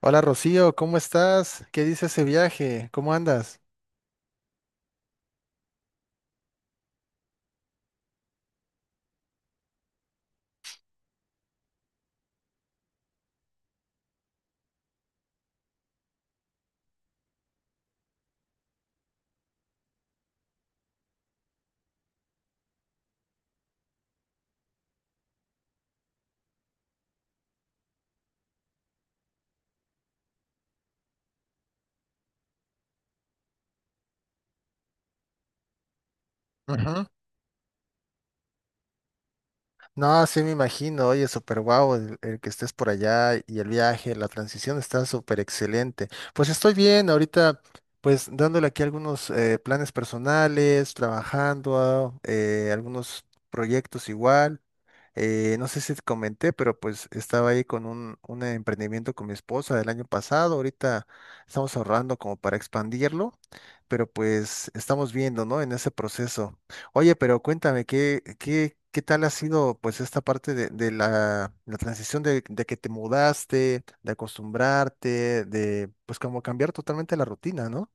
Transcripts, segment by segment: Hola Rocío, ¿cómo estás? ¿Qué dice ese viaje? ¿Cómo andas? Ujú. No, sí me imagino, oye, súper guau el que estés por allá y el viaje, la transición está súper excelente. Pues estoy bien, ahorita pues dándole aquí algunos planes personales, trabajando, algunos proyectos igual. No sé si te comenté, pero pues estaba ahí con un emprendimiento con mi esposa del año pasado. Ahorita estamos ahorrando como para expandirlo, pero pues estamos viendo, ¿no? En ese proceso. Oye, pero cuéntame, ¿qué tal ha sido pues esta parte de la transición de que te mudaste, de acostumbrarte, de pues como cambiar totalmente la rutina, ¿no?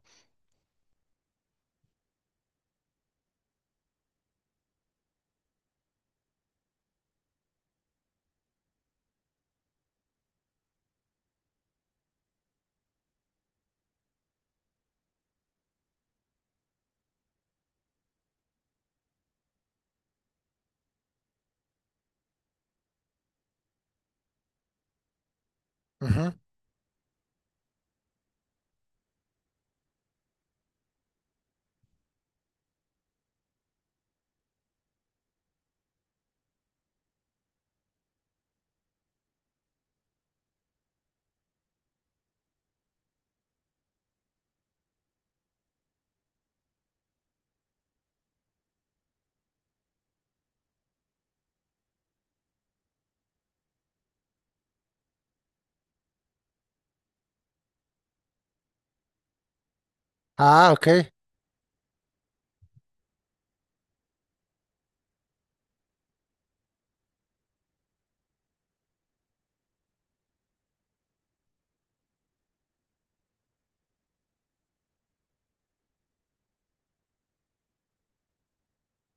Ujú. Ah, ok.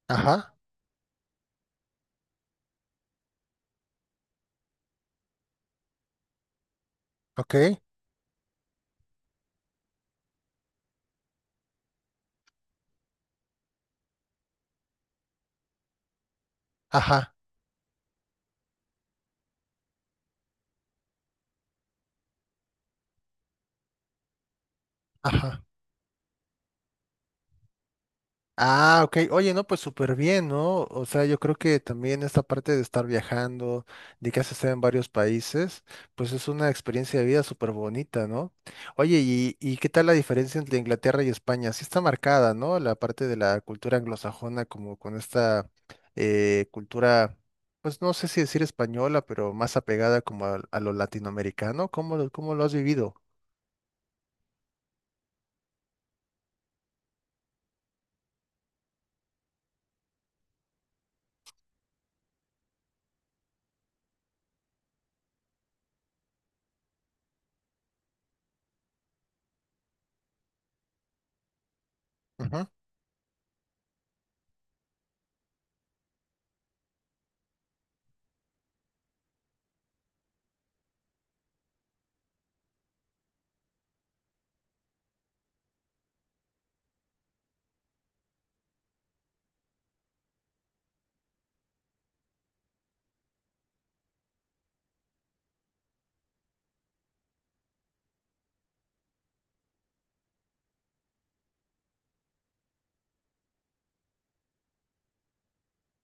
Ajá, ok. Ajá, ajá. Ah, ok. Oye, no, pues súper bien, ¿no? O sea, yo creo que también esta parte de estar viajando, de que has estado en varios países, pues es una experiencia de vida súper bonita, ¿no? Oye, ¿y qué tal la diferencia entre Inglaterra y España? Sí está marcada, ¿no? La parte de la cultura anglosajona, como con esta cultura, pues no sé si decir española, pero más apegada como a lo latinoamericano. ¿Cómo, cómo lo has vivido? Ujú,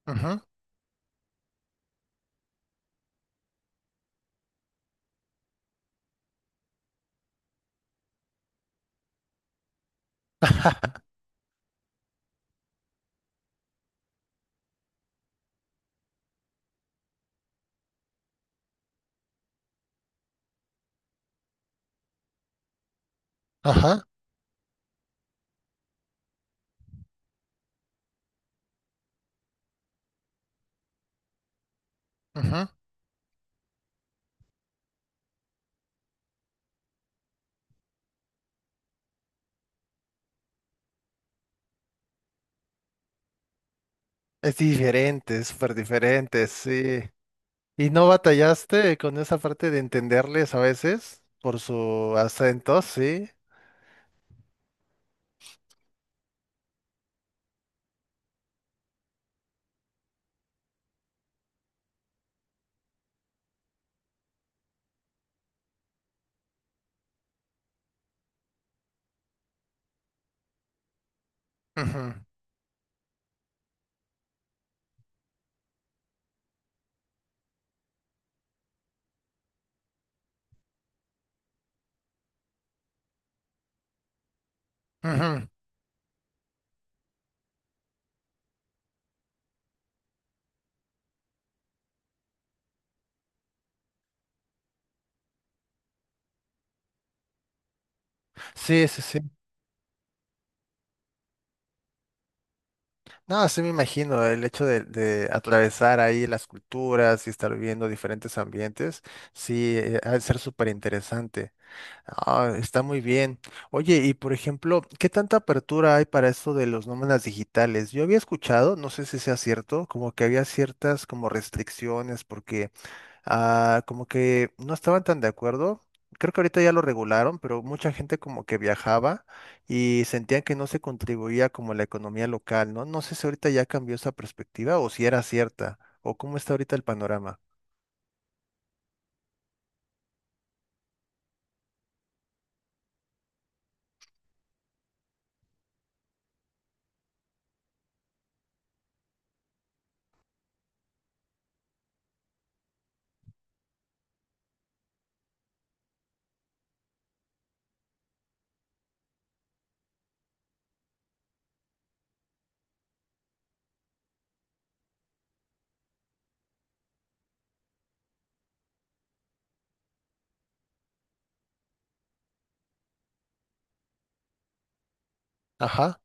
ujú, Ajá, ujú. Es diferente, es súper diferente, sí. ¿Y no batallaste con esa parte de entenderles a veces por su acento? Sí. Ujú, ujú. Sí, sí, sí. No, sí me imagino el hecho de atravesar ahí las culturas y estar viviendo diferentes ambientes, sí, ha de ser súper interesante. Ah, está muy bien. Oye, y por ejemplo, ¿qué tanta apertura hay para esto de los nómadas digitales? Yo había escuchado, no sé si sea cierto, como que había ciertas como restricciones porque Ah, como que no estaban tan de acuerdo. Creo que ahorita ya lo regularon, pero mucha gente como que viajaba y sentían que no se contribuía como a la economía local, ¿no? No sé si ahorita ya cambió esa perspectiva o si era cierta o cómo está ahorita el panorama. Ajá,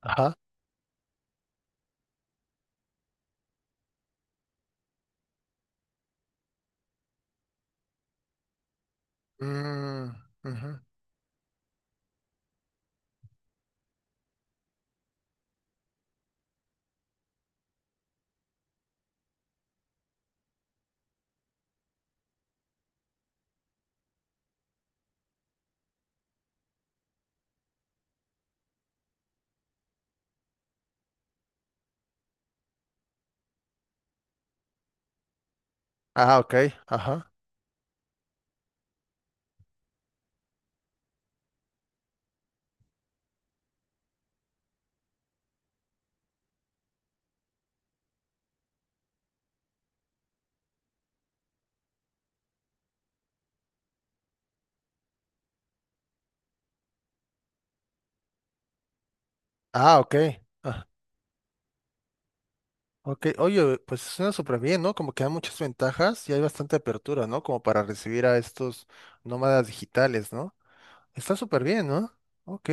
ajá. Mm, ujú. Ah, ok, ajá. Ah, ok. Ah, ok. Oye, pues suena súper bien, ¿no? Como que hay muchas ventajas y hay bastante apertura, ¿no? Como para recibir a estos nómadas digitales, ¿no? Está súper bien, ¿no? Ok.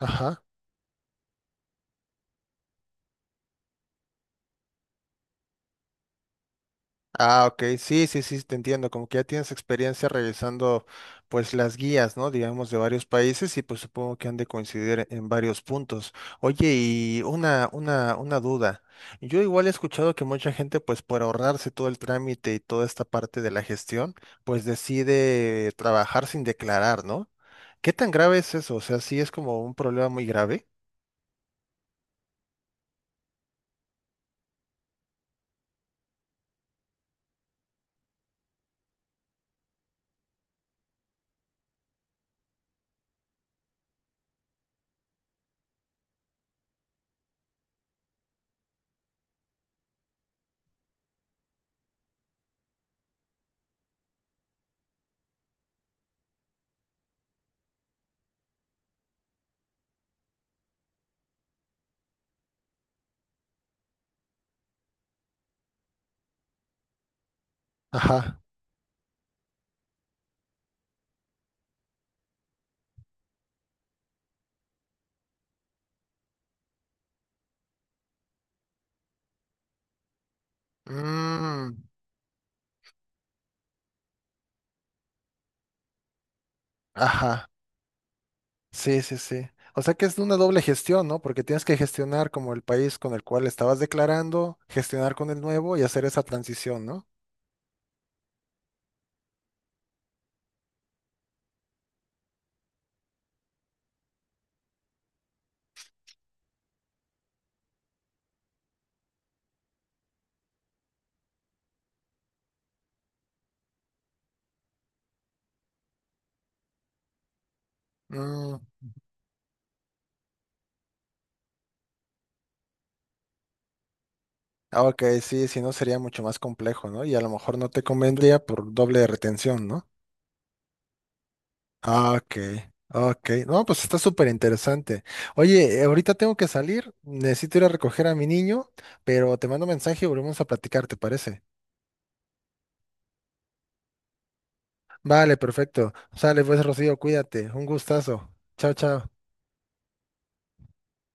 Ajá. Ah, ok. Sí, sí, sí, te entiendo. Como que ya tienes experiencia revisando, pues, las guías, ¿no? Digamos, de varios países y pues supongo que han de coincidir en varios puntos. Oye, y una duda. Yo igual he escuchado que mucha gente, pues, por ahorrarse todo el trámite y toda esta parte de la gestión, pues decide trabajar sin declarar, ¿no? ¿Qué tan grave es eso? O sea, sí es como un problema muy grave. Ajá. Mm, ajá. Sí, sí, sí. O sea que es una doble gestión, ¿no? Porque tienes que gestionar como el país con el cual estabas declarando, gestionar con el nuevo y hacer esa transición, ¿no? Mm, ah, ok, sí, si no sería mucho más complejo, ¿no? Y a lo mejor no te convendría por doble retención, ¿no? Ah, ok, ok. No, pues está súper interesante. Oye, ahorita tengo que salir, necesito ir a recoger a mi niño, pero te mando mensaje y volvemos a platicar, ¿te parece? Vale, perfecto. Sale pues, Rocío, cuídate. Un gustazo. Chao, chao.